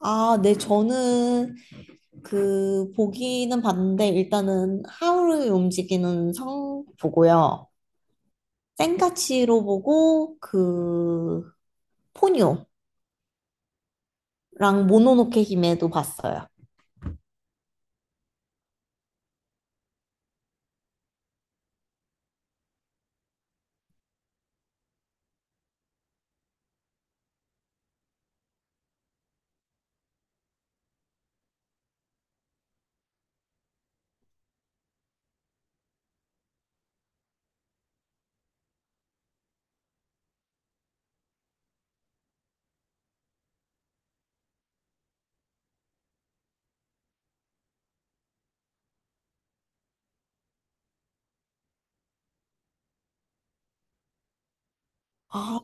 아, 네, 저는 그 보기는 봤는데 일단은 하울의 움직이는 성 보고요. 센카치로 보고 그 포뇨랑 모노노케 히메도 봤어요. 아,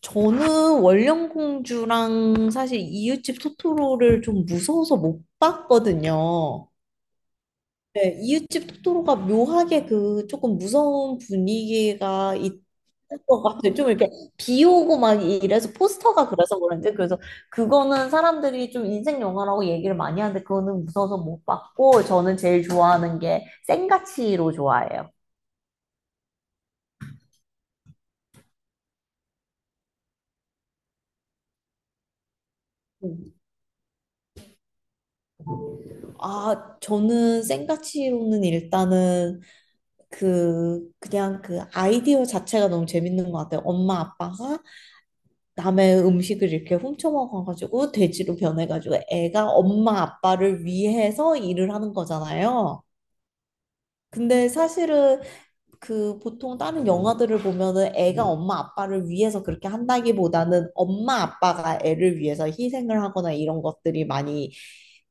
저는 원령공주랑 사실 이웃집 토토로를 좀 무서워서 못 봤거든요. 네, 이웃집 토토로가 묘하게 그 조금 무서운 분위기가 있을 것 같아요. 좀 이렇게 비 오고 막 이래서 포스터가 그래서 그런지 그래서 그거는 사람들이 좀 인생 영화라고 얘기를 많이 하는데 그거는 무서워서 못 봤고 저는 제일 좋아하는 게 생가치로 좋아해요. 음. 아, 저는 생가치로는 일단은 그 그냥 그 아이디어 자체가 너무 재밌는 것 같아요. 엄마 아빠가 남의 음식을 이렇게 훔쳐 먹어가지고 돼지로 변해가지고 애가 엄마 아빠를 위해서 일을 하는 거잖아요. 근데 사실은 그 보통 다른 영화들을 보면은 애가 엄마 아빠를 위해서 그렇게 한다기보다는 엄마 아빠가 애를 위해서 희생을 하거나 이런 것들이 많이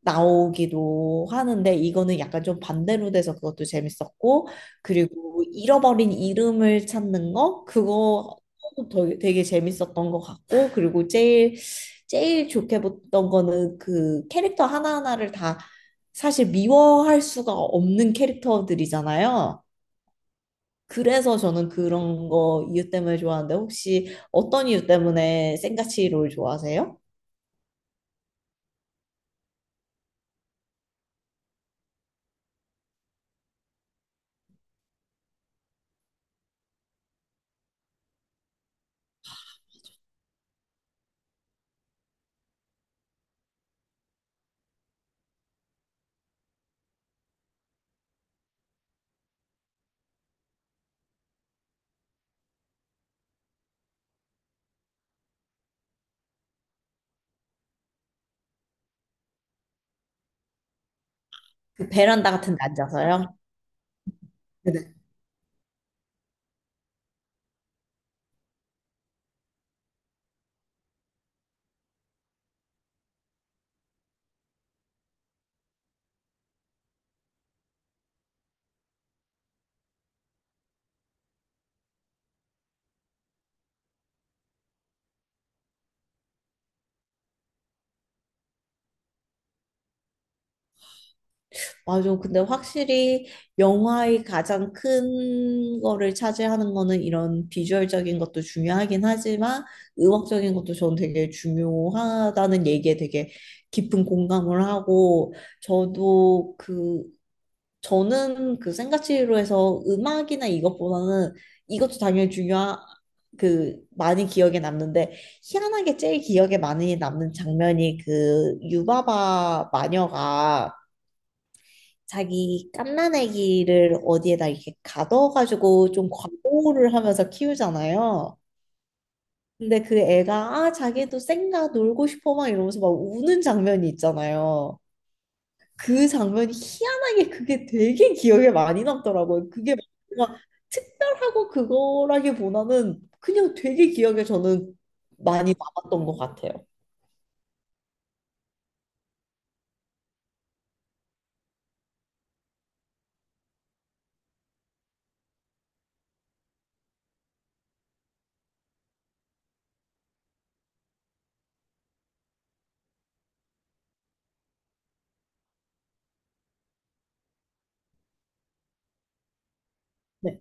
나오기도 하는데 이거는 약간 좀 반대로 돼서 그것도 재밌었고 그리고 잃어버린 이름을 찾는 거 그거 되게 재밌었던 것 같고 그리고 제일 좋게 봤던 거는 그 캐릭터 하나하나를 다 사실 미워할 수가 없는 캐릭터들이잖아요. 그래서 저는 그런 거 이유 때문에 좋아하는데 혹시 어떤 이유 때문에 생가치 롤 좋아하세요? 그 베란다 같은 데 앉아서요? 네네. 맞아. 근데 확실히 영화의 가장 큰 거를 차지하는 거는 이런 비주얼적인 것도 중요하긴 하지만 음악적인 것도 저는 되게 중요하다는 얘기에 되게 깊은 공감을 하고 저도 그 저는 그 생가치로에서 음악이나 이것보다는 이것도 당연히 중요한 그 많이 기억에 남는데 희한하게 제일 기억에 많이 남는 장면이 그 유바바 마녀가 자기 갓난애기를 어디에다 이렇게 가둬가지고 좀 과보호를 하면서 키우잖아요. 근데 그 애가 아 자기도 쌩가 놀고 싶어 막 이러면서 막 우는 장면이 있잖아요. 그 장면이 희한하게 그게 되게 기억에 많이 남더라고요. 그게 뭔가 특별하고 그거라기보다는 그냥 되게 기억에 저는 많이 남았던 것 같아요. 네,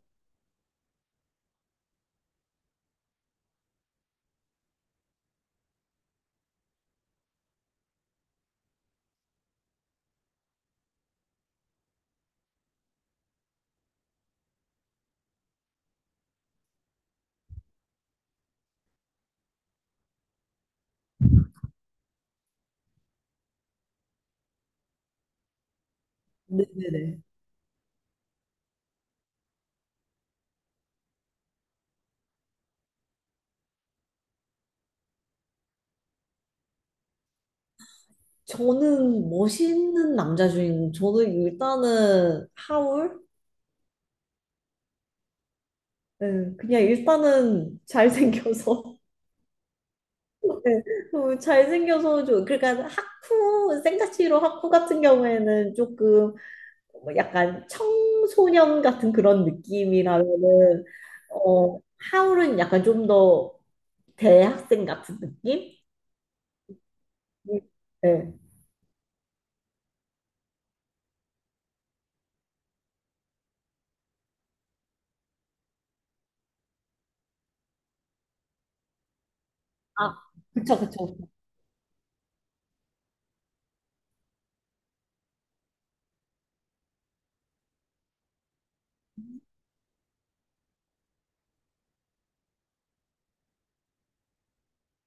네네네. 저는 멋있는 남자 주인공. 저는 일단은 하울. 네, 그냥 일단은 잘생겨서. 네, 어, 잘생겨서 좀 그러니까 하쿠 생가치로 하쿠 같은 경우에는 조금 뭐 약간 청소년 같은 그런 느낌이라면은 어, 하울은 약간 좀 더 대학생 같은 느낌? 네. 아, 그쵸, 그쵸.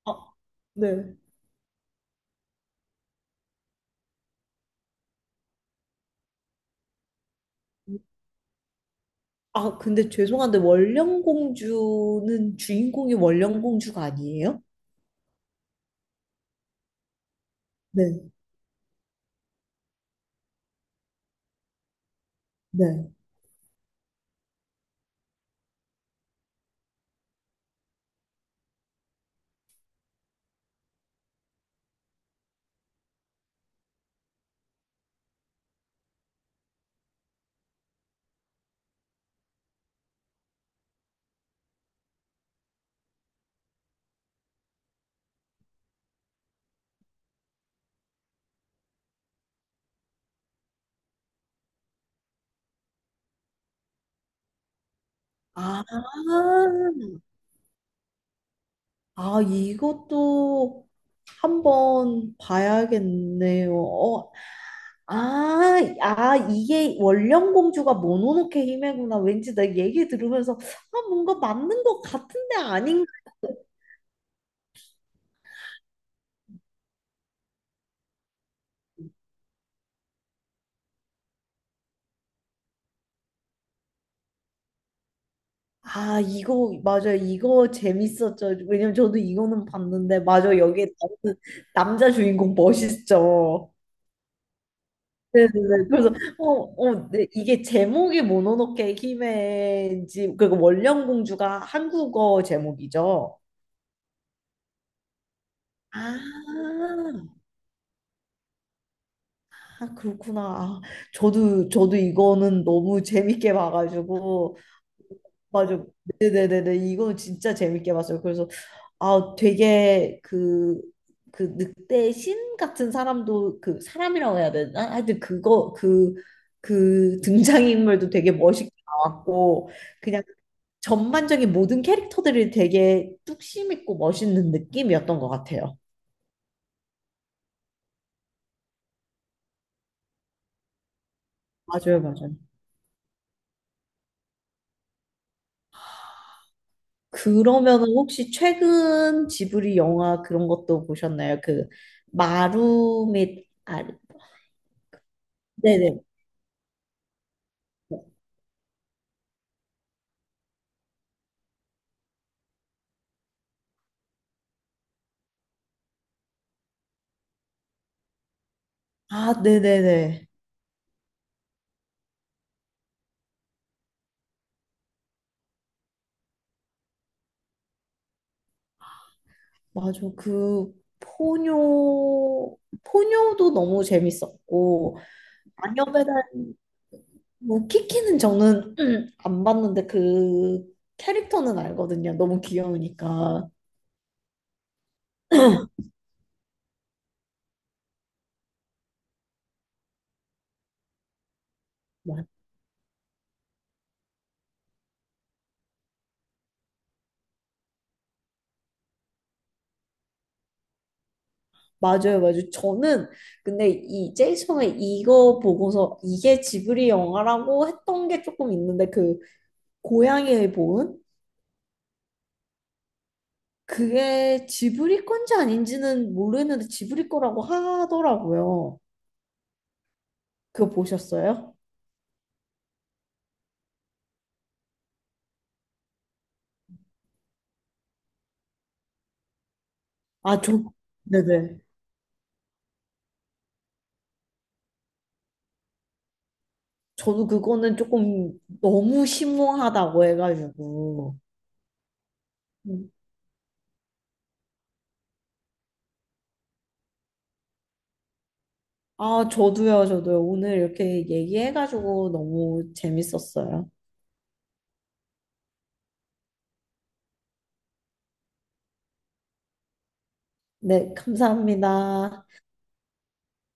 어, 네. 아, 근데 죄송한데 원령공주는 주인공이 원령공주가 아니에요? 네, 네. 아, 아, 이것도 한번 봐야겠네요. 어, 아, 아, 이게 원령 공주가 모노노케 히메구나. 왠지 내 얘기 들으면서 아, 뭔가 맞는 것 같은데 아닌가? 아, 이거 맞아요. 이거 재밌었죠. 왜냐면 저도 이거는 봤는데 맞아. 여기에 나오는 남자 주인공 멋있죠. 네네네. 그래서 어, 어, 네, 이게 제목이 모노노케 히메인지 그리고 원령 공주가 한국어 제목이죠. 아, 아, 그렇구나. 아, 저도 이거는 너무 재밌게 봐가지고. 맞아. 네네네네. 이거 진짜 재밌게 봤어요. 그래서, 아, 되게 그, 그 늑대 신 같은 사람도 그 사람이라고 해야 되나? 하여튼 그거, 그, 그 등장인물도 되게 멋있게 나왔고, 그냥 전반적인 모든 캐릭터들이 되게 뚝심 있고 멋있는 느낌이었던 것 같아요. 맞아요, 맞아요. 그러면은 혹시 최근 지브리 영화 그런 것도 보셨나요? 그 마루 및 아, 네네. 아, 네네네. 맞아. 그 포뇨 포뇨도 너무 재밌었고 마녀 배달 뭐 키키는 저는 안 봤는데 그 캐릭터는 알거든요. 너무 귀여우니까. 맞아요, 맞아요. 저는 근데 이 제이슨의 이거 보고서 이게 지브리 영화라고 했던 게 조금 있는데 그 고양이의 보은 그게 지브리 건지 아닌지는 모르겠는데 지브리 거라고 하더라고요. 그거 보셨어요? 아, 저 네네. 저도 그거는 조금 너무 심오하다고 해가지고. 음. 아, 저도요. 오늘 이렇게 얘기해가지고 너무 재밌었어요. 네, 감사합니다.